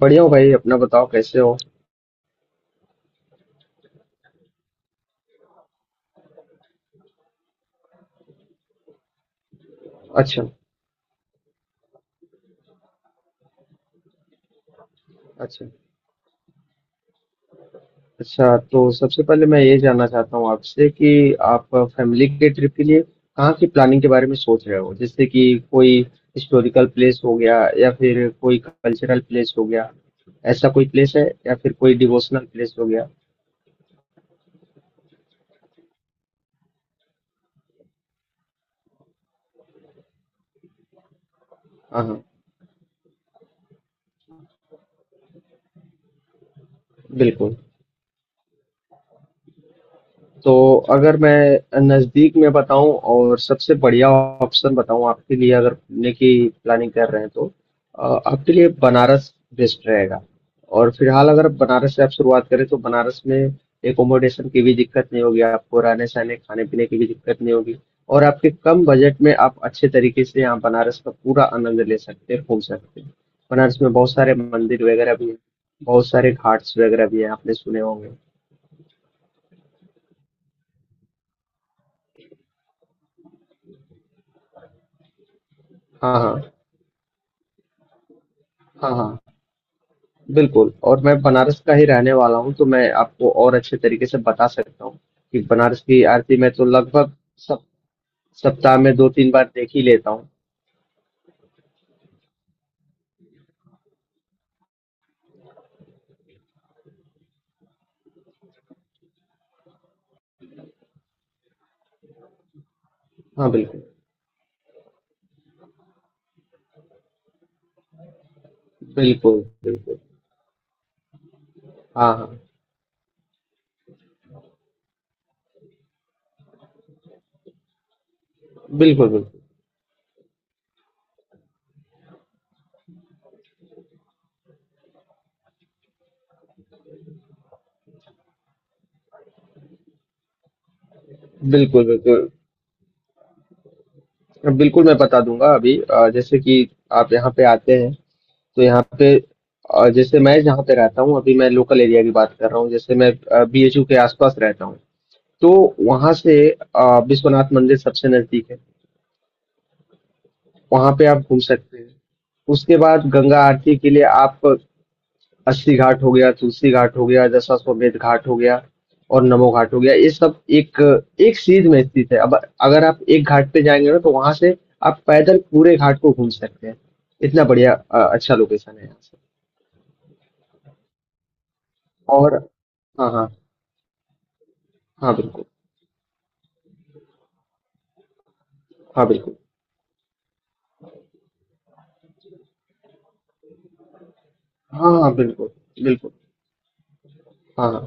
बढ़िया हो भाई अपना बताओ कैसे हो। अच्छा अच्छा। अच्छा तो सबसे पहले मैं ये जानना चाहता हूँ आपसे कि आप फैमिली के ट्रिप के लिए कहाँ की प्लानिंग के बारे में सोच रहे हो, जैसे कि कोई हिस्टोरिकल प्लेस हो गया या फिर कोई कल्चरल प्लेस हो गया, ऐसा कोई प्लेस है या फिर कोई डिवोशनल प्लेस हो गया। हाँ हाँ, बिल्कुल। तो अगर मैं नज़दीक में बताऊं और सबसे बढ़िया ऑप्शन बताऊं आपके लिए, अगर घूमने की प्लानिंग कर रहे हैं, तो आपके लिए बनारस बेस्ट रहेगा। और फिलहाल अगर आप बनारस से आप शुरुआत करें तो बनारस में एकोमोडेशन की भी दिक्कत नहीं होगी आपको, रहने सहने खाने पीने की भी दिक्कत नहीं होगी। और आपके कम बजट में आप अच्छे तरीके से यहाँ बनारस का पूरा आनंद ले सकते हैं, घूम सकते हैं। बनारस में बहुत सारे मंदिर वगैरह भी हैं, बहुत सारे घाट्स वगैरह भी हैं, आपने सुने होंगे। हाँ हाँ। हाँ हाँ, बिल्कुल। और मैं बनारस का ही रहने वाला हूँ, तो मैं आपको और अच्छे तरीके से बता सकता हूँ कि बनारस की आरती मैं तो लगभग सब सप्ताह में दो तीन बार देख ही लेता हूँ। हाँ बिल्कुल। बिल्कुल बिल्कुल। हाँ हाँ। बिल्कुल बिल्कुल। बिल्कुल बिल्कुल। बिल्कुल मैं बता दूंगा अभी। जैसे कि आप यहाँ पे आते हैं तो यहाँ पे जैसे मैं जहाँ पे रहता हूँ, अभी मैं लोकल एरिया की बात कर रहा हूँ, जैसे मैं बीएचयू के आसपास रहता हूँ, तो वहां से विश्वनाथ मंदिर सबसे नजदीक है, वहाँ पे आप घूम सकते हैं। उसके बाद गंगा आरती के लिए आप अस्सी घाट हो गया, तुलसी घाट हो गया, दशाश्वमेध घाट हो गया और नमो घाट हो गया। ये सब एक एक सीध में स्थित है। अब अगर आप एक घाट पे जाएंगे ना, तो वहां से आप पैदल पूरे घाट को घूम सकते हैं। इतना बढ़िया अच्छा लोकेशन है यहाँ से। और हाँ हाँ। हाँ बिल्कुल। हाँ बिल्कुल। हाँ हाँ। बिल्कुल बिल्कुल। हाँ हाँ,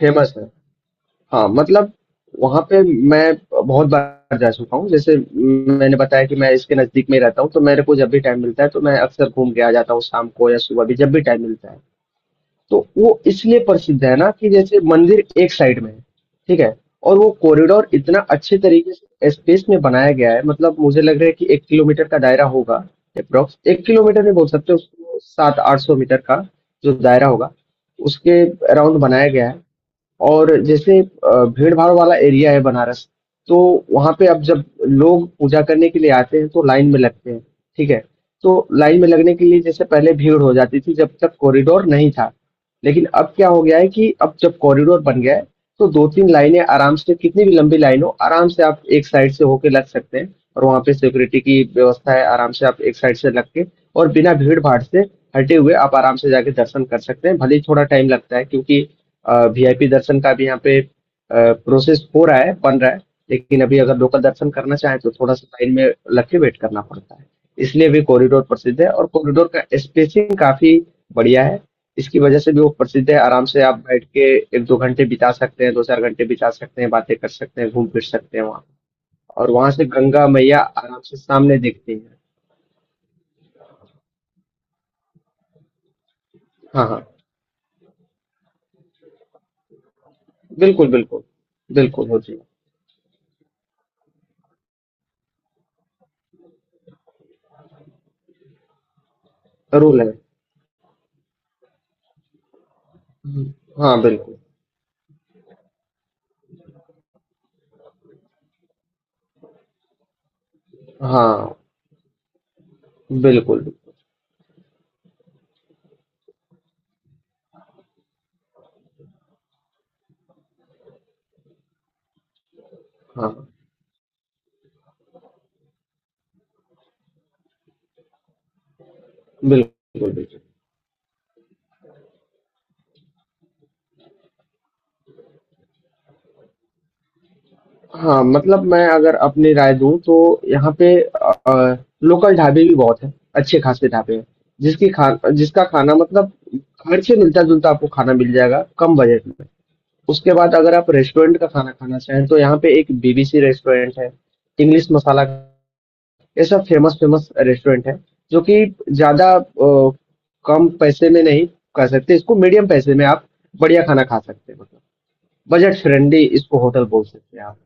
फेमस है। हाँ मतलब वहां पे मैं बहुत बार जा चुका हूँ। जैसे मैंने बताया कि मैं इसके नजदीक में ही रहता हूँ, तो मेरे को जब भी टाइम मिलता है तो मैं अक्सर घूम के आ जाता हूँ, शाम को या सुबह भी जब भी टाइम मिलता है। तो वो इसलिए प्रसिद्ध है ना कि जैसे मंदिर एक साइड में है, ठीक है? और वो कॉरिडोर इतना अच्छे तरीके से स्पेस में बनाया गया है, मतलब मुझे लग रहा है कि 1 किलोमीटर का दायरा होगा, अप्रोक्स 1 किलोमीटर में बोल सकते हो उसको, 700-800 मीटर का जो दायरा होगा उसके अराउंड बनाया गया है। और जैसे भीड़ भाड़ वाला एरिया है बनारस, तो वहां पे अब जब लोग पूजा करने के लिए आते हैं तो लाइन में लगते हैं, ठीक है? तो लाइन में लगने के लिए जैसे पहले भीड़ हो जाती थी जब तक कॉरिडोर नहीं था, लेकिन अब क्या हो गया है कि अब जब कॉरिडोर बन गया है, तो दो तीन लाइनें आराम से, कितनी भी लंबी लाइन हो आराम से आप एक साइड से होके लग सकते हैं, और वहां पे सिक्योरिटी की व्यवस्था है, आराम से आप एक साइड से लग के और बिना भीड़ भाड़ से हटे हुए आप आराम से जाके दर्शन कर सकते हैं। भले ही थोड़ा टाइम लगता है क्योंकि वीआईपी दर्शन का भी यहाँ पे प्रोसेस हो रहा है, बन रहा है, लेकिन अभी अगर लोकल दर्शन करना चाहें तो थोड़ा सा लाइन में लग के वेट करना पड़ता है। इसलिए भी कॉरिडोर प्रसिद्ध है। और कॉरिडोर का स्पेसिंग काफी बढ़िया है, इसकी वजह से भी वो प्रसिद्ध है। आराम से आप बैठ के 1-2 घंटे बिता सकते हैं, 2-4 घंटे बिता सकते हैं, बातें कर सकते हैं, घूम फिर सकते हैं वहाँ। और वहां से गंगा मैया आराम से सामने दिखती है। हाँ हाँ। बिल्कुल बिल्कुल। बिल्कुल हो जी। रूल है। हाँ बिल्कुल। हाँ बिल्कुल। हाँ बिल्कुल। बिल्कुल। हाँ मतलब मैं अगर अपनी राय दूं तो यहाँ पे लोकल ढाबे भी बहुत हैं, अच्छे खासे ढाबे हैं, जिसकी खा जिसका खाना मतलब घर से मिलता जुलता आपको खाना मिल जाएगा, कम बजट में। उसके बाद अगर आप रेस्टोरेंट का खाना खाना चाहें तो यहाँ पे एक बीबीसी रेस्टोरेंट है, इंग्लिश मसाला, ये सब फेमस फेमस रेस्टोरेंट है, जो कि ज्यादा कम पैसे में नहीं कर सकते इसको, मीडियम पैसे में आप बढ़िया खाना खा सकते हैं, मतलब बजट फ्रेंडली इसको होटल बोल सकते हैं आप।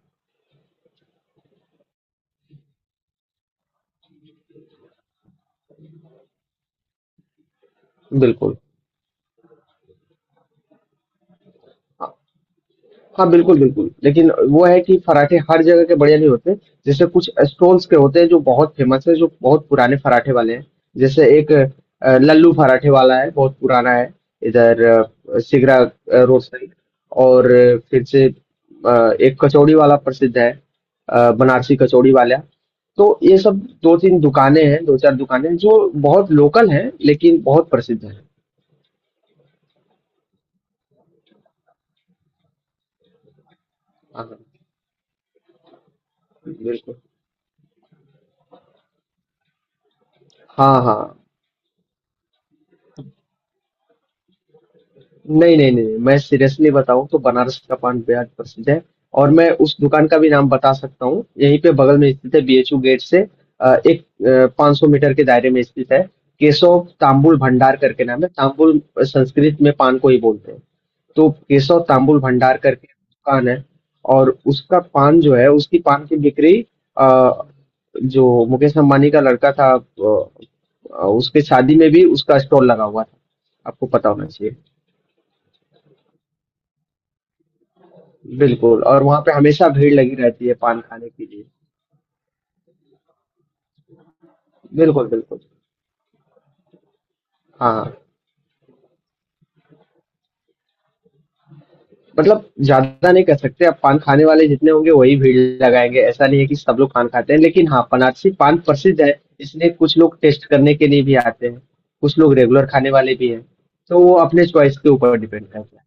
बिल्कुल। हाँ बिल्कुल बिल्कुल, लेकिन वो है कि पराठे हर जगह के बढ़िया नहीं होते। जैसे कुछ स्टॉल्स के होते हैं जो बहुत फेमस है, जो बहुत पुराने पराठे वाले हैं। जैसे एक लल्लू पराठे वाला है, बहुत पुराना है, इधर सिगरा रोड साइड। और फिर से एक कचौड़ी वाला प्रसिद्ध है, बनारसी कचौड़ी वाला। तो ये सब दो तीन दुकानें हैं, दो चार दुकानें हैं, जो बहुत लोकल हैं लेकिन बहुत प्रसिद्ध हैं। हाँ हाँ, बिल्कुल। हाँ हाँ। नहीं नहीं नहीं, मैं सीरियसली बताऊं तो बनारस का पान बेहद प्रसिद्ध है। और मैं उस दुकान का भी नाम बता सकता हूँ, यहीं पे बगल में स्थित है, बीएचयू गेट से एक 500 मीटर के दायरे में स्थित है। केशव तांबुल भंडार करके नाम है। तांबुल संस्कृत में पान को ही बोलते हैं। तो केशव तांबुल भंडार करके दुकान है। और उसका पान जो है, उसकी पान की बिक्री, अ, जो मुकेश अंबानी का लड़का था, उसके शादी में भी उसका स्टॉल लगा हुआ था, आपको पता होना चाहिए। बिल्कुल। और वहाँ पे हमेशा भीड़ लगी रहती है पान खाने के लिए। बिल्कुल बिल्कुल। हाँ मतलब ज्यादा नहीं कह सकते, अब पान खाने वाले जितने होंगे वही भीड़ लगाएंगे, ऐसा नहीं है कि सब लोग पान खाते हैं, लेकिन हाँ, बनारसी पान प्रसिद्ध है, इसलिए कुछ लोग टेस्ट करने के लिए भी आते हैं, कुछ लोग रेगुलर खाने वाले भी हैं, तो वो अपने चॉइस के ऊपर डिपेंड करता है।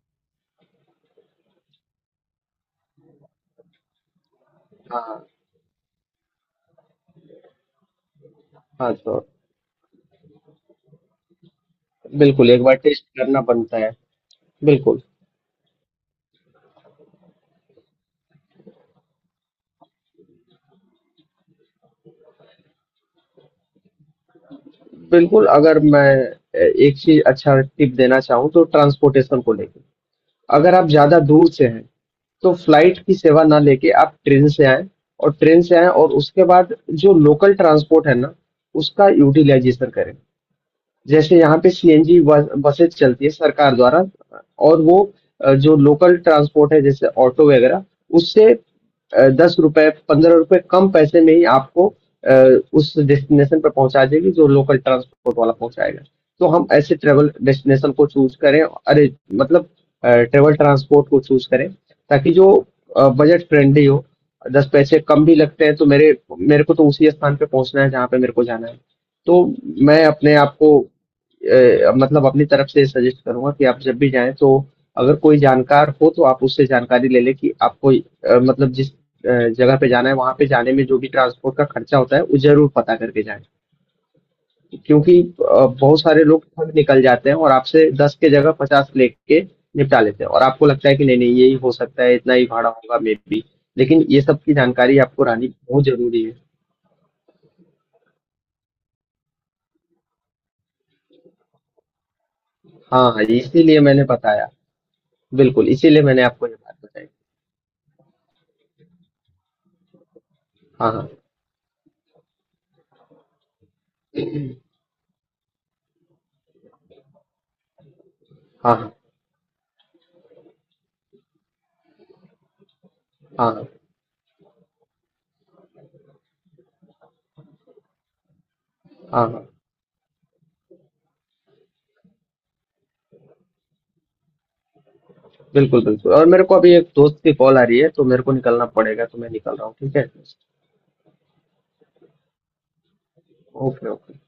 हाँ हाँ तो बिल्कुल, एक बार टेस्ट करना बनता है। बिल्कुल बिल्कुल। अगर मैं एक चीज अच्छा टिप देना चाहूँ तो ट्रांसपोर्टेशन को लेकर, अगर आप ज़्यादा दूर से हैं, तो फ्लाइट की सेवा ना लेके आप ट्रेन से आएँ। और ट्रेन से आएँ और उसके बाद जो लोकल ट्रांसपोर्ट है ना, उसका यूटिलाइज़ेशन करें। जैसे यहाँ पे सीएनजी बसेस चलती है सरकार द्वारा। और वो जो लोकल ट्रांसपोर्ट है जैसे ऑटो वगैरह, उससे 10 रुपए 15 रुपए कम पैसे में ही आपको अ, उस डेस्टिनेशन पर पहुंचा देगी जो लोकल ट्रांसपोर्ट वाला पहुंचाएगा। तो हम ऐसे ट्रेवल डेस्टिनेशन को चूज करें, अरे मतलब ट्रेवल ट्रांसपोर्ट को चूज करें, ताकि जो बजट फ्रेंडली हो। 10 पैसे कम भी लगते हैं तो मेरे मेरे को तो उसी स्थान पे पहुंचना है जहाँ पे मेरे को जाना है। तो मैं अपने आप को मतलब अपनी तरफ से सजेस्ट करूंगा कि आप जब भी जाएं तो अगर कोई जानकार हो तो आप उससे जानकारी ले लें कि आपको, मतलब जिस जगह पे जाना है वहां पे जाने में जो भी ट्रांसपोर्ट का खर्चा होता है वो जरूर पता करके जाएं। क्योंकि बहुत सारे लोग ठग निकल जाते हैं और आपसे 10 के जगह 50 लेके निपटा लेते हैं और आपको लगता है कि नहीं नहीं यही हो सकता है, इतना ही भाड़ा होगा मे बी। लेकिन ये सब की जानकारी आपको रहनी बहुत जरूरी है। हाँ हाँ इसीलिए मैंने बताया। बिल्कुल, इसीलिए मैंने आपको ये बात बताई। हाँ, हाँ। हाँ, हाँ। हाँ, हाँ। हाँ, हाँ। बिल्कुल बिल्कुल, और मेरे को अभी एक दोस्त की कॉल आ रही है, तो मेरे को निकलना पड़ेगा, तो मैं निकल रहा हूँ, ठीक है? Okay, okay.